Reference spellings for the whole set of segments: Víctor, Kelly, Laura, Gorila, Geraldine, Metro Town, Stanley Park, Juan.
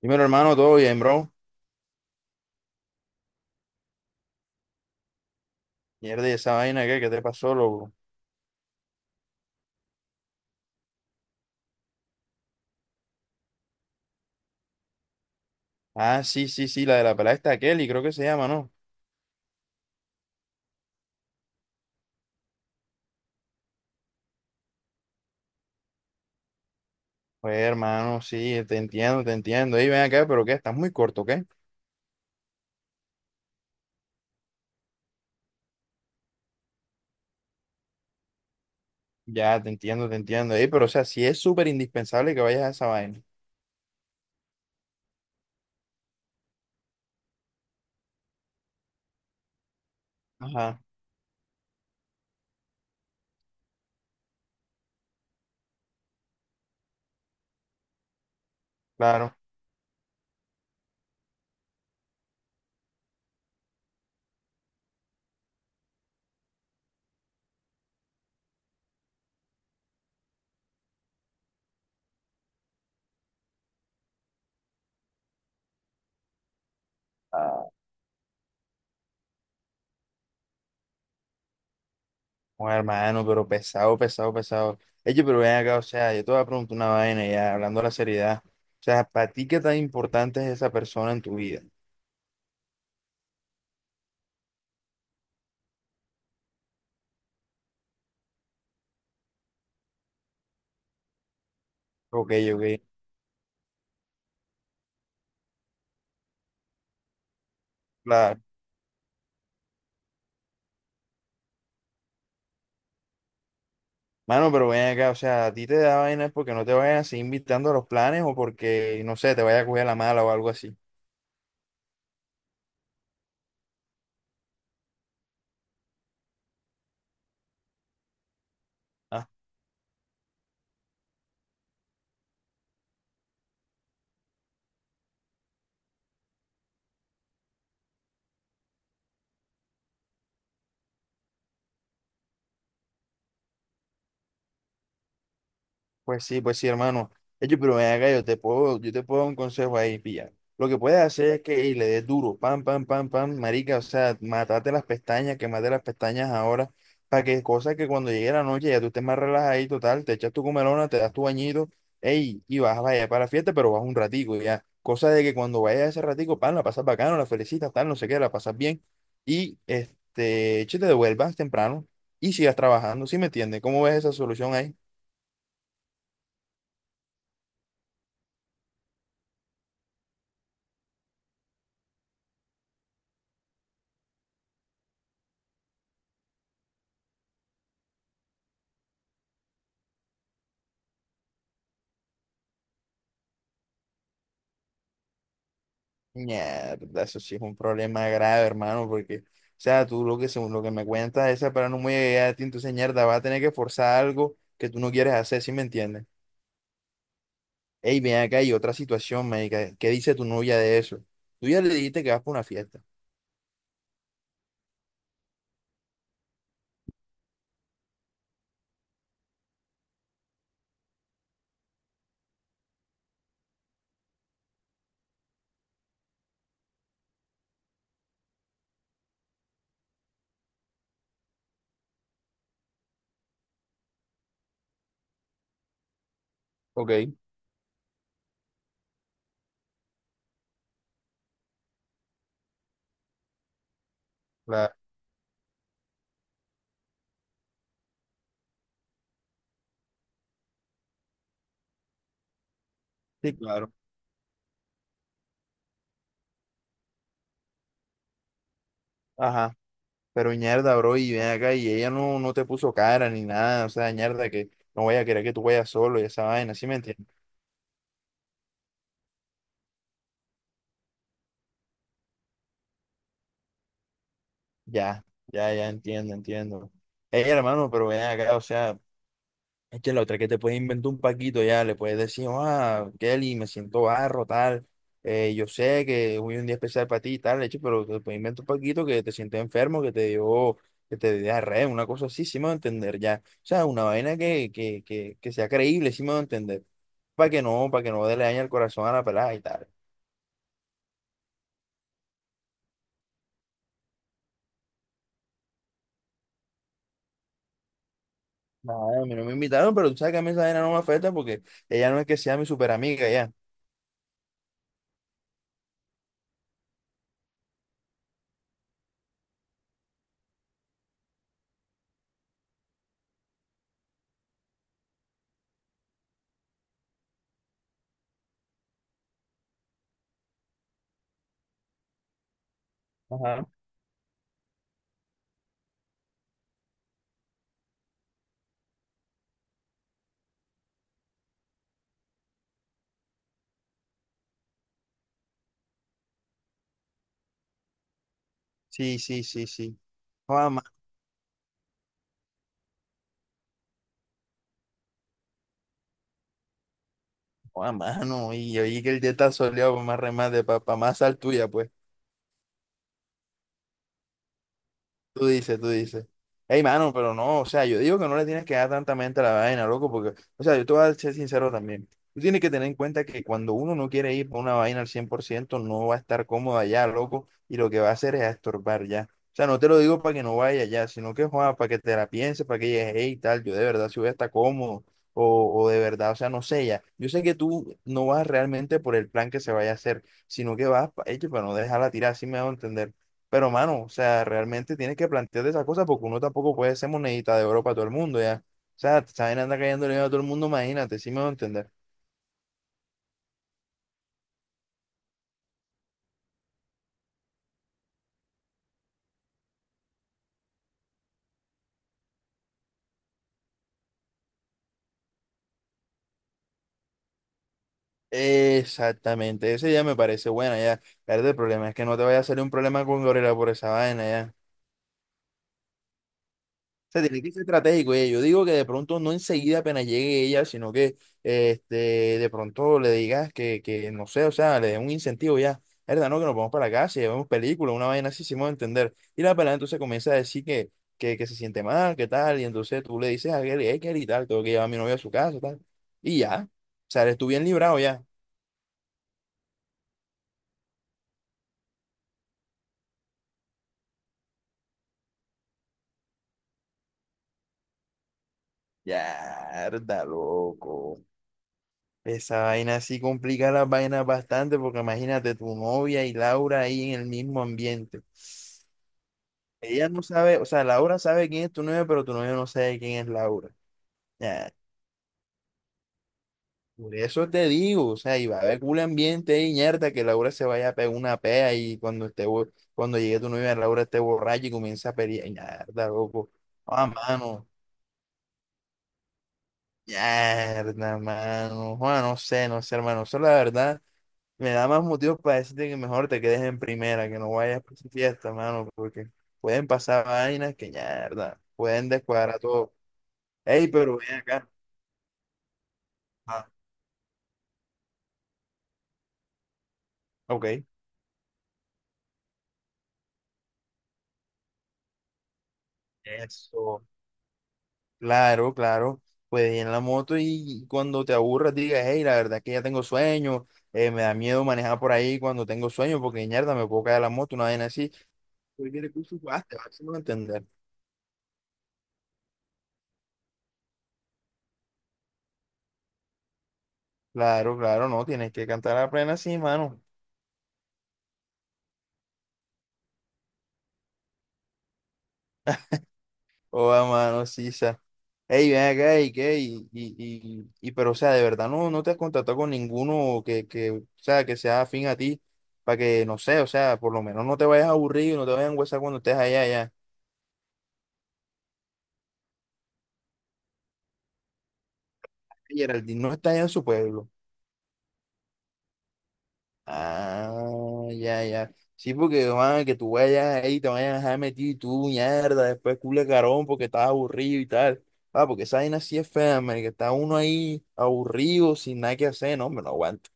Dímelo, hermano, todo bien, bro. Mierda, ¿y esa vaina qué? ¿Qué te pasó, loco? Ah, sí, sí, sí, la de la pelada está Kelly, creo que se llama, ¿no? Pues, hermano, sí, te entiendo, te entiendo. Ey, ven acá, pero ¿qué? Estás muy corto, ¿qué? Ya, te entiendo, te entiendo. Ey, pero, o sea, sí es súper indispensable que vayas a esa vaina. Ajá, claro. Bueno, hermano, pero pesado, pesado, pesado. Ey, pero ven acá, o sea, yo te voy a preguntar una vaina ya, hablando de la seriedad. O sea, ¿para ti qué tan importante es esa persona en tu vida? Ok, ok, claro. Mano, pero ven acá, o sea, a ti te da vaina es porque no te vayan así invitando a los planes o porque, no sé, te vaya a coger la mala o algo así. Ah. Pues sí, hermano. Oye, pero ven acá, yo te puedo dar un consejo ahí, pilla. Lo que puedes hacer es que ey, le des duro, pam, pam, pam, pam, marica, o sea, matate las pestañas, quemate las pestañas ahora, para que cosas que cuando llegue la noche ya tú estés más relajado total, te echas tu comelona, te das tu bañito, ey, y vas vaya para la fiesta, pero vas un ratico, ya. Cosa de que cuando vayas ese ratico, pam, la pasas bacano, la felicitas, tal, no sé qué, la pasas bien, y este, che, te devuelvas temprano y sigas trabajando, ¿sí me entiendes? ¿Cómo ves esa solución ahí? Mierda, eso sí es un problema grave, hermano, porque, o sea, tú lo que, según lo que me cuentas, esa para no muy allá de ti, entonces, mierda, vas a tener que forzar algo que tú no quieres hacer, ¿sí me entiendes? Ey, ven acá, hay otra situación, médica, ¿qué dice tu novia de eso? Tú ya le dijiste que vas para una fiesta. Ok, claro. Sí, claro. Ajá, pero mierda, bro, y ven acá, y ella no, no te puso cara ni nada, o sea, mierda, que no vaya a querer que tú vayas solo y esa vaina, ¿sí me entiendes? Ya, ya, ya, entiendo, entiendo. Ey, hermano, pero ven acá, o sea. Es que la otra es que te puedes inventar un paquito ya, le puedes decir, "Oh, ah, Kelly, me siento barro, tal, yo sé que hoy es un día especial para ti, tal, hecho, pero te puedes inventar un paquito que te sientes enfermo, que te dio diarrea, una cosa así, sí me va a entender ya. O sea, una vaina que sea creíble, sí me va a entender. Para que no le dañe el corazón a la pelada y tal. Nada, a mí no me invitaron, pero tú sabes que a mí esa vaina no me afecta porque ella no es que sea mi super amiga ya. Ajá. Sí, sí, sí, sí. Oh, a mano, y oí que el día está soleado, pues, más remate, para más sal tuya, pues. Tú dices, tú dices. Ey, mano, pero no, o sea, yo digo que no le tienes que dar tanta mente a la vaina, loco, porque, o sea, yo te voy a ser sincero también. Tú tienes que tener en cuenta que cuando uno no quiere ir por una vaina al 100% no va a estar cómodo allá, loco, y lo que va a hacer es a estorbar ya. O sea, no te lo digo para que no vaya allá, sino que, joda, para que te la pienses, para que digas hey, tal, yo de verdad si voy a estar cómodo, o de verdad, o sea, no sé ya. Yo sé que tú no vas realmente por el plan que se vaya a hacer, sino que vas, pa- hecho, para no dejarla tirar, así me a entender. Pero, mano, o sea, realmente tienes que plantearte esa cosa porque uno tampoco puede ser monedita de oro para todo el mundo, ¿ya? O sea, saben, anda cayendo dinero a todo el mundo, imagínate, sí me voy a entender. Exactamente, esa ya me parece buena, ya. Claro, el problema es que no te vaya a salir un problema con Gorila por esa vaina, ya. sea, tiene que ser estratégico, Yo digo que de pronto no enseguida apenas llegue ella, sino que este, de pronto le digas que no sé, o sea, le dé un incentivo ya. ¿Verdad? No, que nos vamos para la casa y vemos películas, una vaina así, si me voy a entender. Y la pelada entonces comienza a decir que se siente mal, que tal, y entonces tú le dices a Kelly, hey, Kelly, tal, tengo que llevar a mi novia a su casa, tal. Y ya, o sea, eres tú bien librado ya. Ya, loco. Esa vaina sí complica las vainas bastante porque imagínate tu novia y Laura ahí en el mismo ambiente. Ella no sabe, o sea, Laura sabe quién es tu novia, pero tu novia no sabe quién es Laura. Ya, por eso te digo, o sea, y va a haber culo ambiente y ñerda que Laura se vaya a pegar una pea y cuando esté, bo- cuando llegue tu novia, Laura esté borracha y comienza a pelear. Ñerda, loco. Ah, mano. Ñerda, mano. Juan, no sé, no sé, hermano. Eso la verdad. Me da más motivos para decirte que mejor te quedes en primera, que no vayas por esa fiesta, mano, porque pueden pasar vainas que ya, ¿verdad? Pueden descuadrar todo. Ey, pero ven acá. Ah, ok. Eso. Claro, claro. Puedes ir en la moto y cuando te aburras digas, hey, la verdad es que ya tengo sueño, me da miedo manejar por ahí cuando tengo sueño, porque mierda, me puedo caer de la moto, una vaina así. Porque el curso jugaste, vas a entender. Claro, claro, no, tienes que cantar a plena, sí, mano. Oh, mano, sí. Ey, ven acá, y qué, y pero o sea, de verdad no, no te has contactado con ninguno que, o sea, que sea afín a ti, para que, no sé, o sea, por lo menos no te vayas a aburrir, y no te vayas a huesar cuando estés allá, allá. Y Geraldine no está allá en su pueblo. Ah, ya, ya. Sí, porque, man, que tú vayas ahí, te vayas a dejar metido y tú, mierda, después cule carón porque estás aburrido y tal. Ah, porque esa vaina sí es fea, man, que está uno ahí aburrido, sin nada que hacer, no, me no aguanta.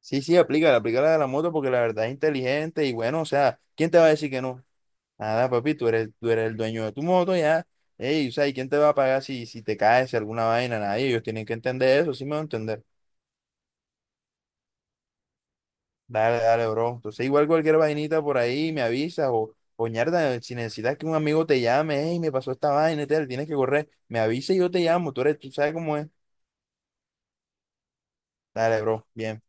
Sí, sí, aplícala, aplícala de la moto porque la verdad es inteligente y bueno, o sea, ¿quién te va a decir que no? Nada, papi, tú eres el dueño de tu moto ya. Ey, o sea, ¿y quién te va a pagar si, si te caes, si alguna vaina? Nadie, ellos tienen que entender eso, sí me van a entender. Dale, dale, bro. Entonces, igual cualquier vainita por ahí me avisas o ñerda, si necesitas que un amigo te llame, ey, me pasó esta vaina y tal, tienes que correr, me avisa y yo te llamo, tú eres, tú sabes cómo es. Dale, bro, bien.